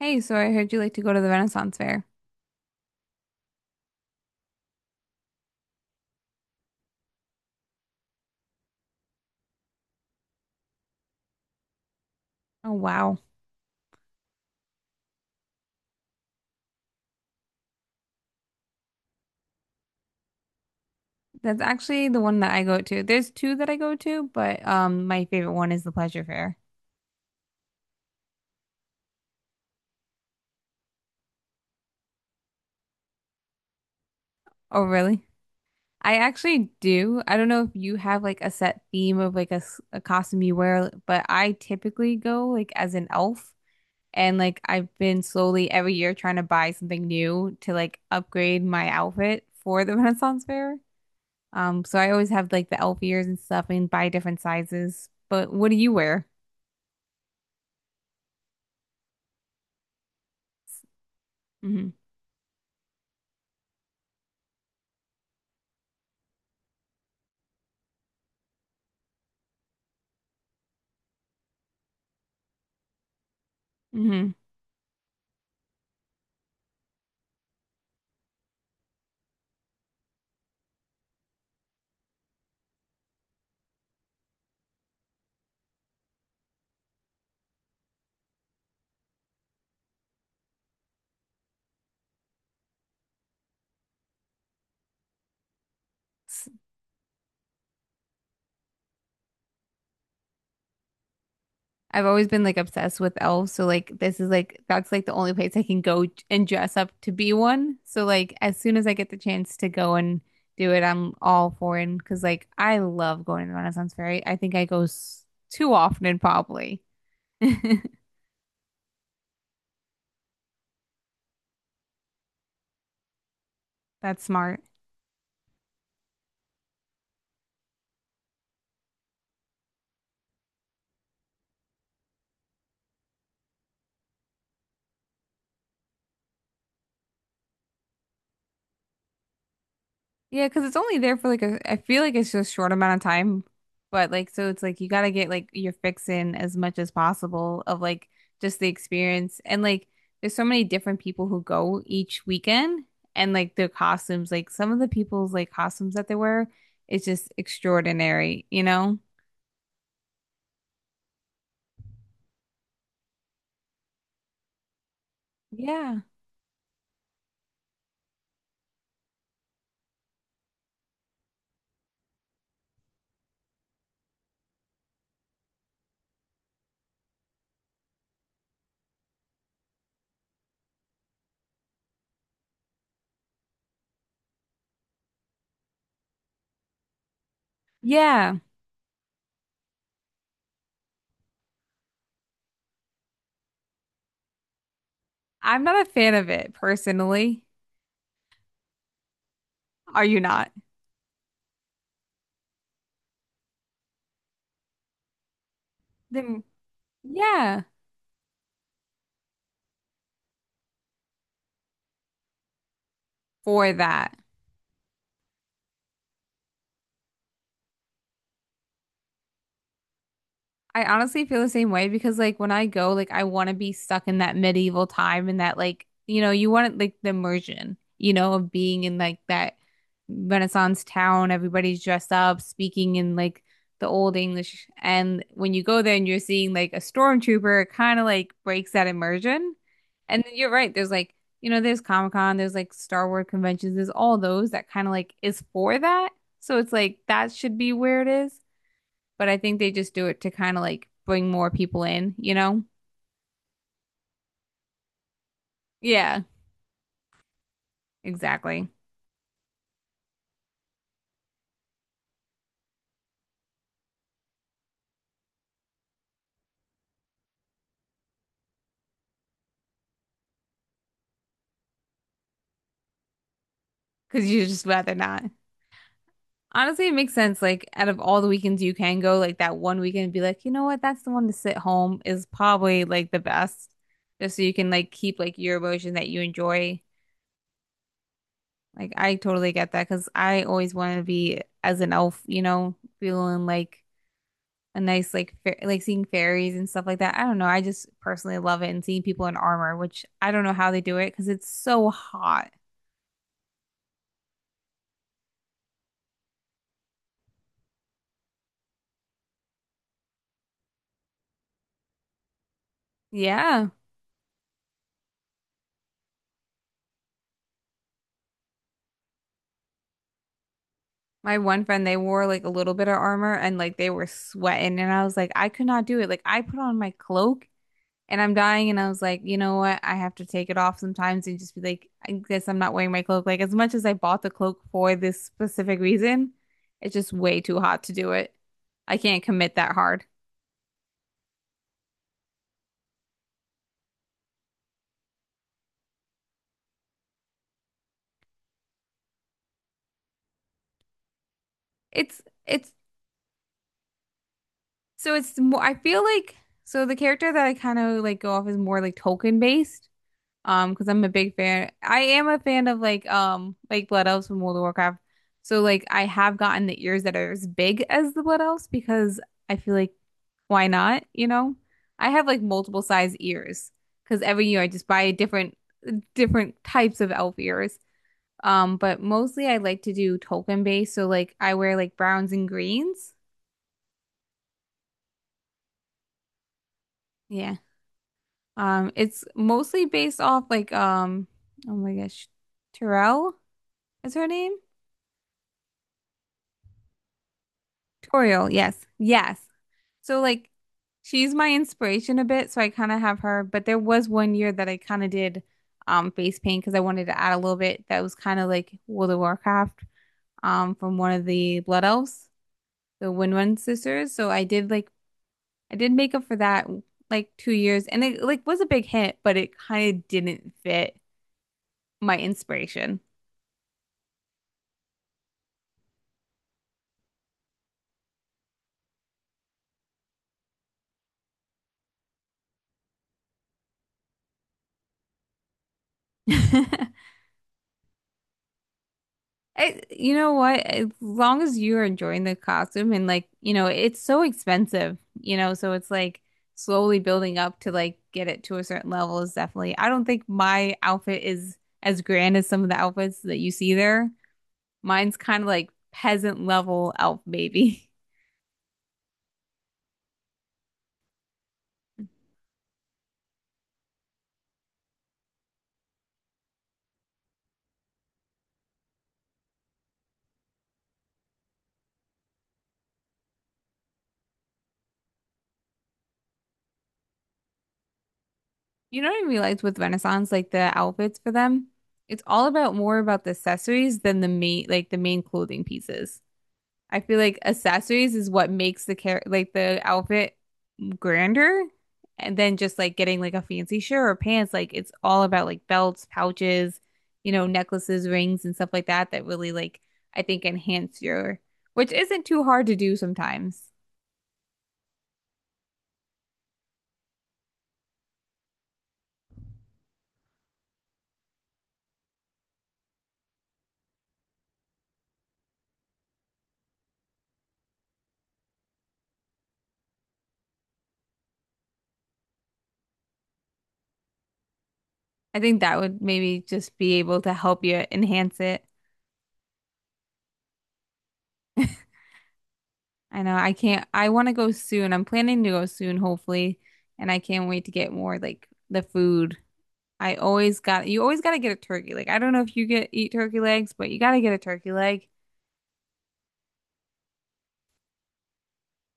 Hey, so I heard you like to go to the Renaissance Fair. Oh, wow. That's actually the one that I go to. There's two that I go to, but my favorite one is the Pleasure Fair. Oh, really? I actually do. I don't know if you have like a set theme of like a costume you wear, but I typically go like as an elf, and like I've been slowly every year trying to buy something new to like upgrade my outfit for the Renaissance Fair. So I always have like the elf ears and stuff and buy different sizes. But what do you wear? Mhm. Hmm. I've always been like obsessed with elves, so like this is like that's like the only place I can go and dress up to be one. So like as soon as I get the chance to go and do it, I'm all for it because like I love going to the Renaissance Fair. I think I go s too often probably. That's smart. Yeah, because it's only there for like a, I feel like it's just short amount of time. But like, so it's like you gotta get like your fix in as much as possible of like just the experience. And like, there's so many different people who go each weekend, and like their costumes, like some of the people's like costumes that they wear, it's just extraordinary, you know? Yeah. Yeah. I'm not a fan of it personally. Are you not? Then, yeah, for that. I honestly feel the same way because like when I go, like I want to be stuck in that medieval time and that like, you know, you want like the immersion, you know, of being in like that Renaissance town, everybody's dressed up, speaking in like the old English. And when you go there and you're seeing like a stormtrooper, it kind of like breaks that immersion. And then you're right, there's like, you know, there's Comic-Con, there's like Star Wars conventions, there's all those that kind of like is for that. So it's like that should be where it is, but I think they just do it to kind of like bring more people in, you know? Yeah, exactly. Because you just rather not. Honestly, it makes sense. Like, out of all the weekends you can go, like that one weekend, and be like, you know what? That's the one to sit home is probably like the best, just so you can like keep like your emotion that you enjoy. Like, I totally get that because I always want to be as an elf, you know, feeling like a nice like fa like seeing fairies and stuff like that. I don't know. I just personally love it and seeing people in armor, which I don't know how they do it because it's so hot. Yeah. My one friend, they wore like a little bit of armor and like they were sweating and I was like, I could not do it. Like I put on my cloak and I'm dying and I was like, you know what? I have to take it off sometimes and just be like, I guess I'm not wearing my cloak. Like as much as I bought the cloak for this specific reason, it's just way too hot to do it. I can't commit that hard. It's it's So it's more, I feel like, so the character that I kind of like go off is more like Tolkien based. Because I'm a big fan. I am a fan of like Blood Elves from World of Warcraft. So like I have gotten the ears that are as big as the Blood Elves because I feel like why not, you know? I have like multiple size ears because every year I just buy different types of elf ears. But mostly I like to do Tolkien based. So like I wear like browns and greens. Yeah. It's mostly based off like oh my gosh, Terrell is her name? Toriel, yes. Yes. So like she's my inspiration a bit, so I kind of have her, but there was one year that I kind of did face paint because I wanted to add a little bit that was kind of like World of Warcraft from one of the Blood Elves, the Windrun sisters. So I did like I did makeup for that like 2 years and it like was a big hit, but it kind of didn't fit my inspiration. I, you know what? As long as you're enjoying the costume and like, you know, it's so expensive, you know, so it's like slowly building up to like get it to a certain level is definitely. I don't think my outfit is as grand as some of the outfits that you see there. Mine's kind of like peasant level elf baby. You know what I realized with Renaissance, like the outfits for them, it's all about more about the accessories than the main like the main clothing pieces. I feel like accessories is what makes the care like the outfit grander. And then just like getting like a fancy shirt or pants, like it's all about like belts, pouches, you know, necklaces, rings, and stuff like that that really like I think enhance your, which isn't too hard to do sometimes. I think that would maybe just be able to help you enhance it. I know I can't, I want to go soon. I'm planning to go soon, hopefully, and I can't wait to get more like the food. I always got you always got to get a turkey. Like I don't know if you get eat turkey legs, but you got to get a turkey leg.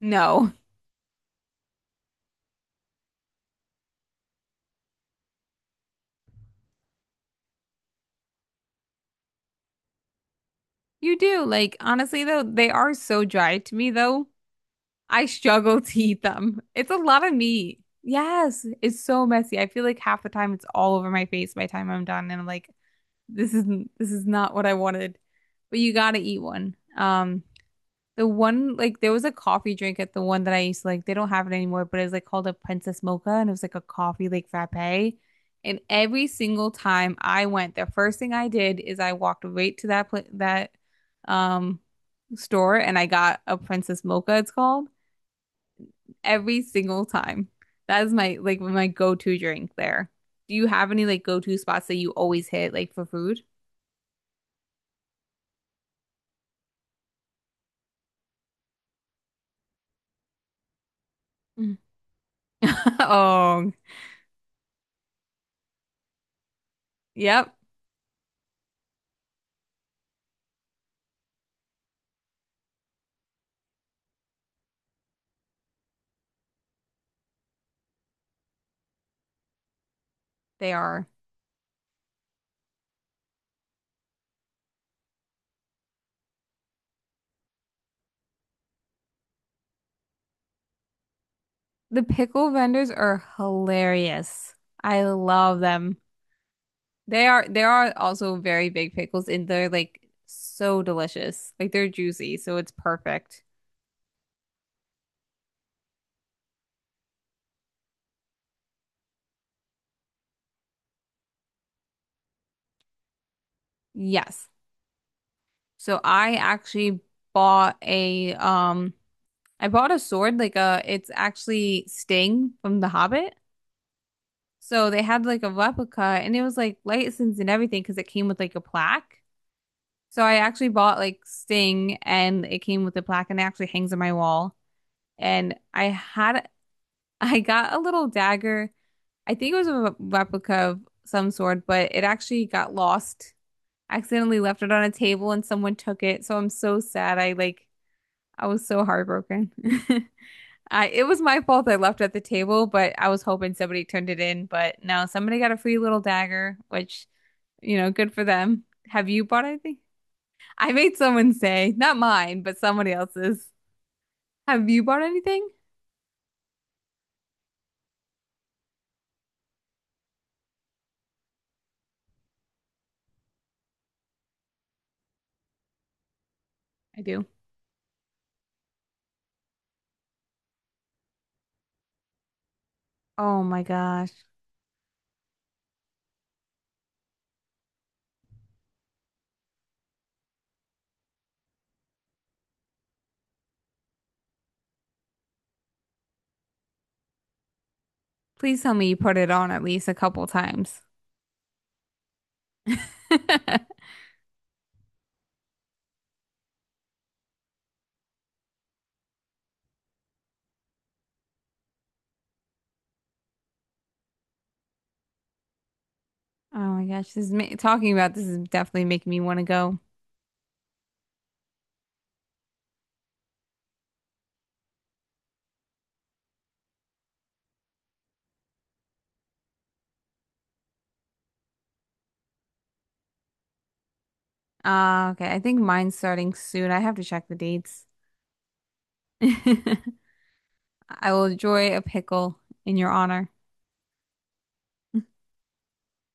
No. You do. Like honestly though, they are so dry to me though. I struggle to eat them. It's a lot of meat. Yes, it's so messy. I feel like half the time it's all over my face by the time I'm done and I'm like this isn't this is not what I wanted. But you got to eat one. The one like there was a coffee drink at the one that I used to like. They don't have it anymore, but it was like called a Princess Mocha, and it was like a coffee like frappe. And every single time I went, the first thing I did is I walked right to that pla that um store and I got a Princess Mocha. It's called every single time. That is my like my go-to drink there. Do you have any like go-to spots that you always hit like for food? Mm. Oh, yep, they are. The pickle vendors are hilarious. I love them. They are there are also very big pickles and they're like so delicious. Like they're juicy, so it's perfect. Yes. So I actually bought a I bought a sword like a it's actually Sting from The Hobbit. So they had like a replica and it was like licensed and everything because it came with like a plaque. So I actually bought like Sting and it came with a plaque and it actually hangs on my wall. And I had I got a little dagger. I think it was a replica of some sort, but it actually got lost. I accidentally left it on a table and someone took it. So I'm so sad. I like I was so heartbroken. I it was my fault I left it at the table, but I was hoping somebody turned it in. But no, somebody got a free little dagger, which, you know, good for them. Have you bought anything? I made someone say, not mine, but somebody else's. Have you bought anything? I do. Oh my gosh. Please tell me you put it on at least a couple times. Oh my gosh, this is ma- talking about this is definitely making me want to go. Okay, I think mine's starting soon. I have to check the dates. I will enjoy a pickle in your honor.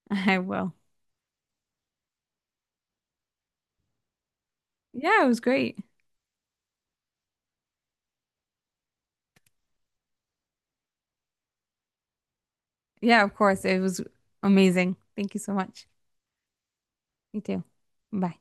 I will. Yeah, it was great. Yeah, of course. It was amazing. Thank you so much. You too. Bye.